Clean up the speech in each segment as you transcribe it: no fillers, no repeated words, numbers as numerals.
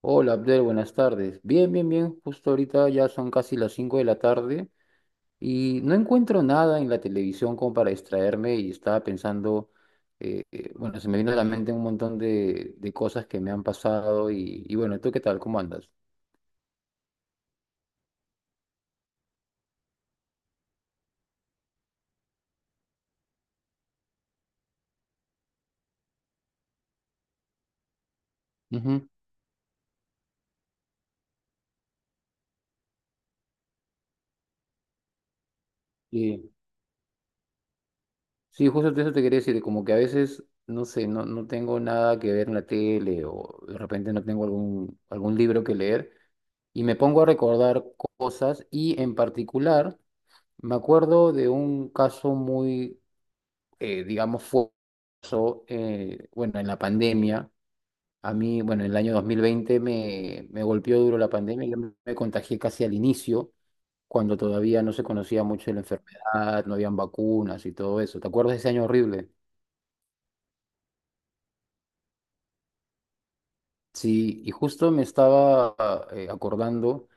Hola Abdel, buenas tardes. Bien, bien, bien. Justo ahorita ya son casi las 5 de la tarde y no encuentro nada en la televisión como para distraerme y estaba pensando, bueno, se me vino a la mente un montón de cosas que me han pasado y, bueno, ¿tú qué tal? ¿Cómo andas? Ujú. Sí, sí, justo de eso te quería decir, como que a veces, no sé, no tengo nada que ver en la tele o de repente no tengo algún libro que leer y me pongo a recordar cosas y en particular. Me acuerdo de un caso muy, digamos, fuerte. Bueno, en la pandemia, a mí, bueno, en el año 2020 me, golpeó duro la pandemia, yo me contagié casi al inicio, cuando todavía no se conocía mucho de la enfermedad, no habían vacunas y todo eso. ¿Te acuerdas de ese año horrible? Sí, y justo me estaba acordando.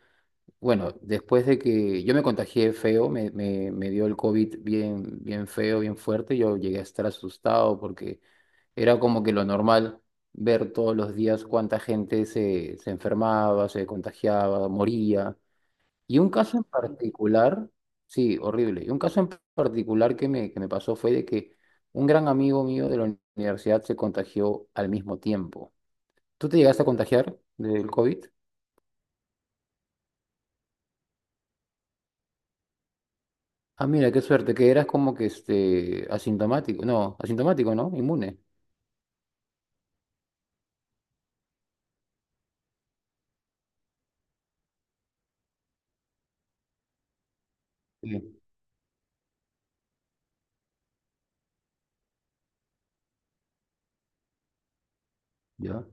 Bueno, después de que yo me contagié feo, me dio el COVID bien, bien feo, bien fuerte, yo llegué a estar asustado porque era como que lo normal ver todos los días cuánta gente se, se enfermaba, se contagiaba, moría. Y un caso en particular, sí, horrible, y un caso en particular que me pasó fue de que un gran amigo mío de la universidad se contagió al mismo tiempo. ¿Tú te llegaste a contagiar del COVID? Ah, mira, qué suerte, que eras como que este asintomático, no, asintomático, ¿no? Inmune. Sí. Ya.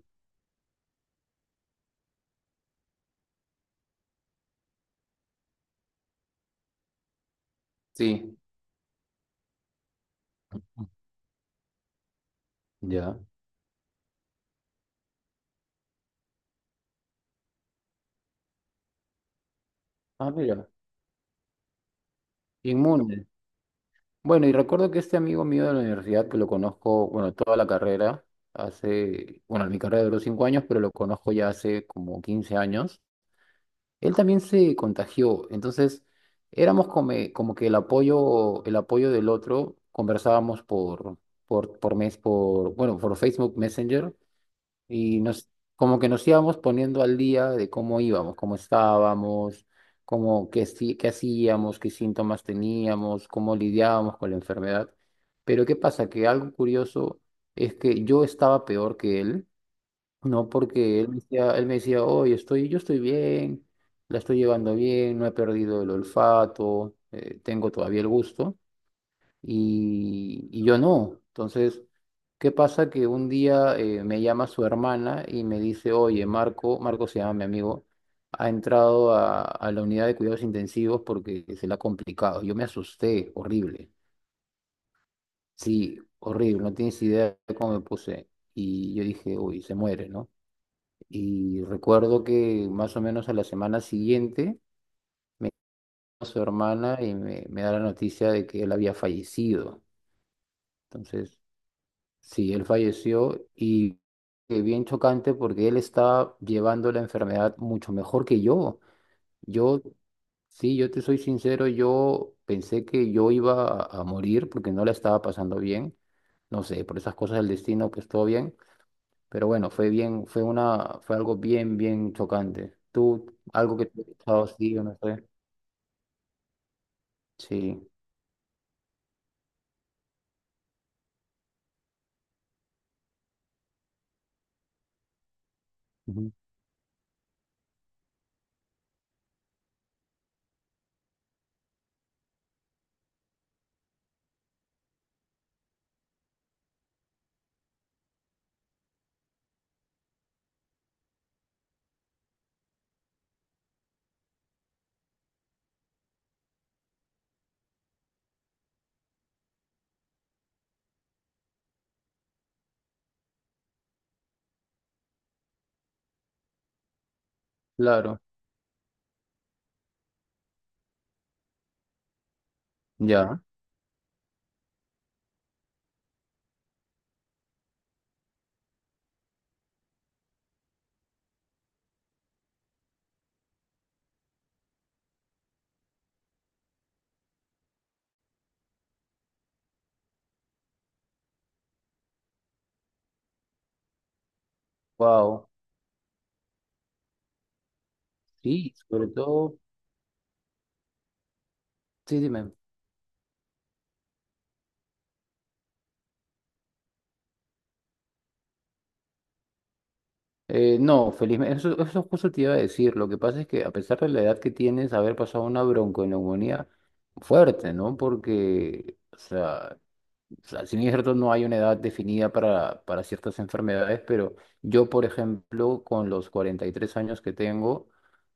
Sí. Ya. Ah, mira, inmune. Bueno, y recuerdo que este amigo mío de la universidad, que lo conozco, bueno, toda la carrera, hace, bueno, mi carrera duró 5 años, pero lo conozco ya hace como 15 años, él también se contagió, entonces éramos como, como que el apoyo del otro, conversábamos por mes, por, bueno, por Facebook Messenger, y nos, como que nos íbamos poniendo al día de cómo íbamos, cómo estábamos, cómo, qué, qué hacíamos, qué síntomas teníamos, cómo lidiábamos con la enfermedad. Pero ¿qué pasa? Que algo curioso es que yo estaba peor que él, ¿no? Porque él me decía, oye, estoy, yo estoy bien, la estoy llevando bien, no he perdido el olfato, tengo todavía el gusto y, yo no. Entonces, ¿qué pasa? Que un día me llama su hermana y me dice, oye, Marco, Marco se llama mi amigo, ha entrado a la unidad de cuidados intensivos porque se le ha complicado. Yo me asusté, horrible. Sí, horrible, no tienes idea de cómo me puse. Y yo dije, uy, se muere, ¿no? Y recuerdo que más o menos a la semana siguiente, a su hermana y me da la noticia de que él había fallecido. Entonces, sí, él falleció y bien chocante porque él está llevando la enfermedad mucho mejor que yo. Yo, sí, yo te soy sincero, yo pensé que yo iba a morir porque no la estaba pasando bien. No sé, por esas cosas del destino, pues todo bien. Pero bueno, fue algo bien, bien chocante. Tú, algo que te ha pasado así, o no sé. Sí, ujú, claro, ya, wow. Sí, sobre todo, sí, dime. No, felizmente, eso justo te iba a decir. Lo que pasa es que a pesar de la edad que tienes, haber pasado una bronconeumonía fuerte, ¿no? Porque, o sea, si bien es cierto, no hay una edad definida para ciertas enfermedades, pero yo, por ejemplo, con los 43 años que tengo,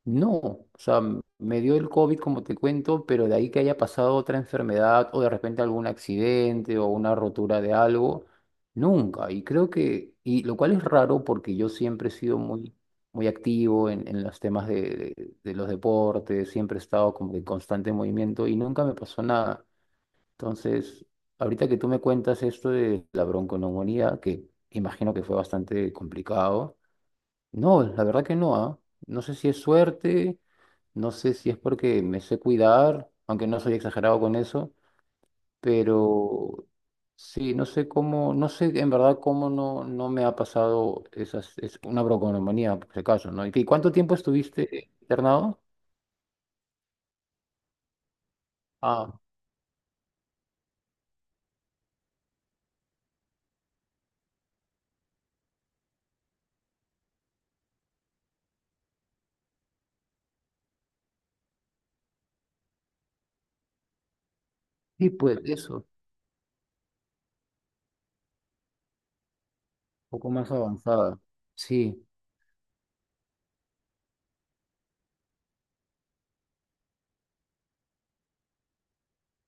no, o sea, me dio el COVID, como te cuento, pero de ahí que haya pasado otra enfermedad o de repente algún accidente o una rotura de algo, nunca. Y creo que, y lo cual es raro porque yo siempre he sido muy, muy activo en los temas de, de los deportes, siempre he estado como que en constante movimiento y nunca me pasó nada. Entonces, ahorita que tú me cuentas esto de la bronconeumonía, que imagino que fue bastante complicado, no, la verdad que no, ¿ah? No sé si es suerte, no sé si es porque me sé cuidar, aunque no soy exagerado con eso, pero sí, no sé cómo, no sé en verdad cómo no me ha pasado esas, es una bronconeumonía, por si acaso, ¿no? ¿Y cuánto tiempo estuviste internado? Ah, sí, pues eso, un poco más avanzada. Sí.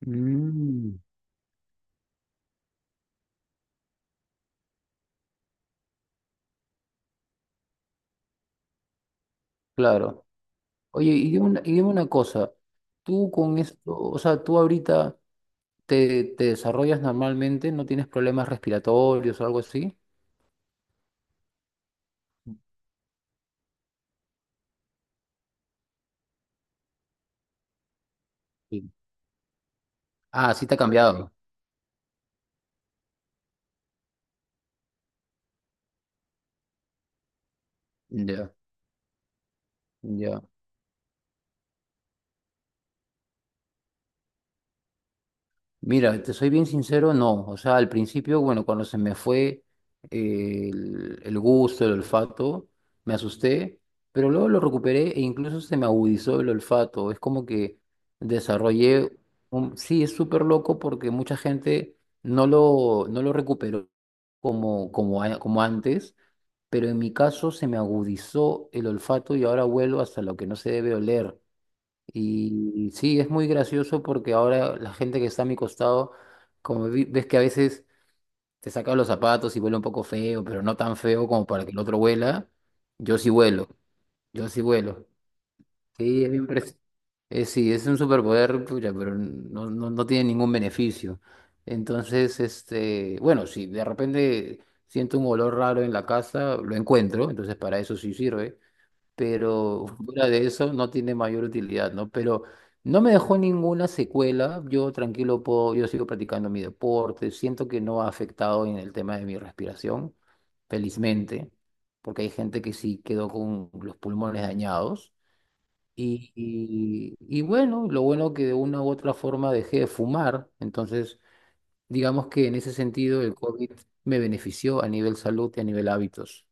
Mm, claro. Oye, y dime una cosa, tú con esto, o sea, tú ahorita te, te desarrollas normalmente, no tienes problemas respiratorios o algo así. Sí. Ah, sí te ha cambiado. Ya, ya. Mira, te soy bien sincero, no. O sea, al principio, bueno, cuando se me fue el gusto, el olfato, me asusté, pero luego lo recuperé e incluso se me agudizó el olfato. Es como que desarrollé un... Sí, es súper loco porque mucha gente no lo recuperó como antes, pero en mi caso se me agudizó el olfato y ahora vuelvo hasta lo que no se debe oler. Y sí, es muy gracioso porque ahora la gente que está a mi costado, como ves que a veces te saca los zapatos y huele un poco feo, pero no tan feo como para que el otro huela, yo sí huelo, yo sí huelo. Sí, sí, es un superpoder, pucha, pero no tiene ningún beneficio. Entonces, este, bueno, si de repente siento un olor raro en la casa, lo encuentro, entonces para eso sí sirve, pero fuera de eso no tiene mayor utilidad, ¿no? Pero no me dejó ninguna secuela, yo tranquilo puedo, yo sigo practicando mi deporte, siento que no ha afectado en el tema de mi respiración, felizmente, porque hay gente que sí quedó con los pulmones dañados. Y bueno, lo bueno que de una u otra forma dejé de fumar, entonces digamos que en ese sentido el COVID me benefició a nivel salud y a nivel hábitos.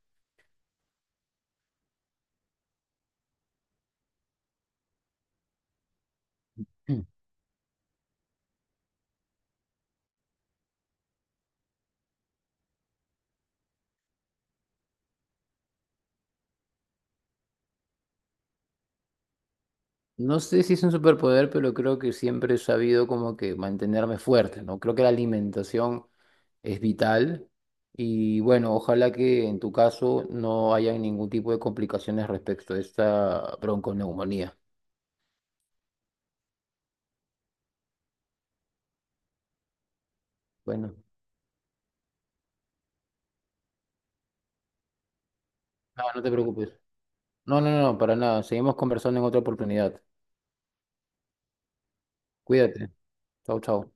No sé si es un superpoder, pero creo que siempre he sabido como que mantenerme fuerte, ¿no? Creo que la alimentación es vital y bueno, ojalá que en tu caso no haya ningún tipo de complicaciones respecto a esta bronconeumonía. Bueno, no, no te preocupes. No, no, no, para nada. Seguimos conversando en otra oportunidad. Cuídate. Chao, chao.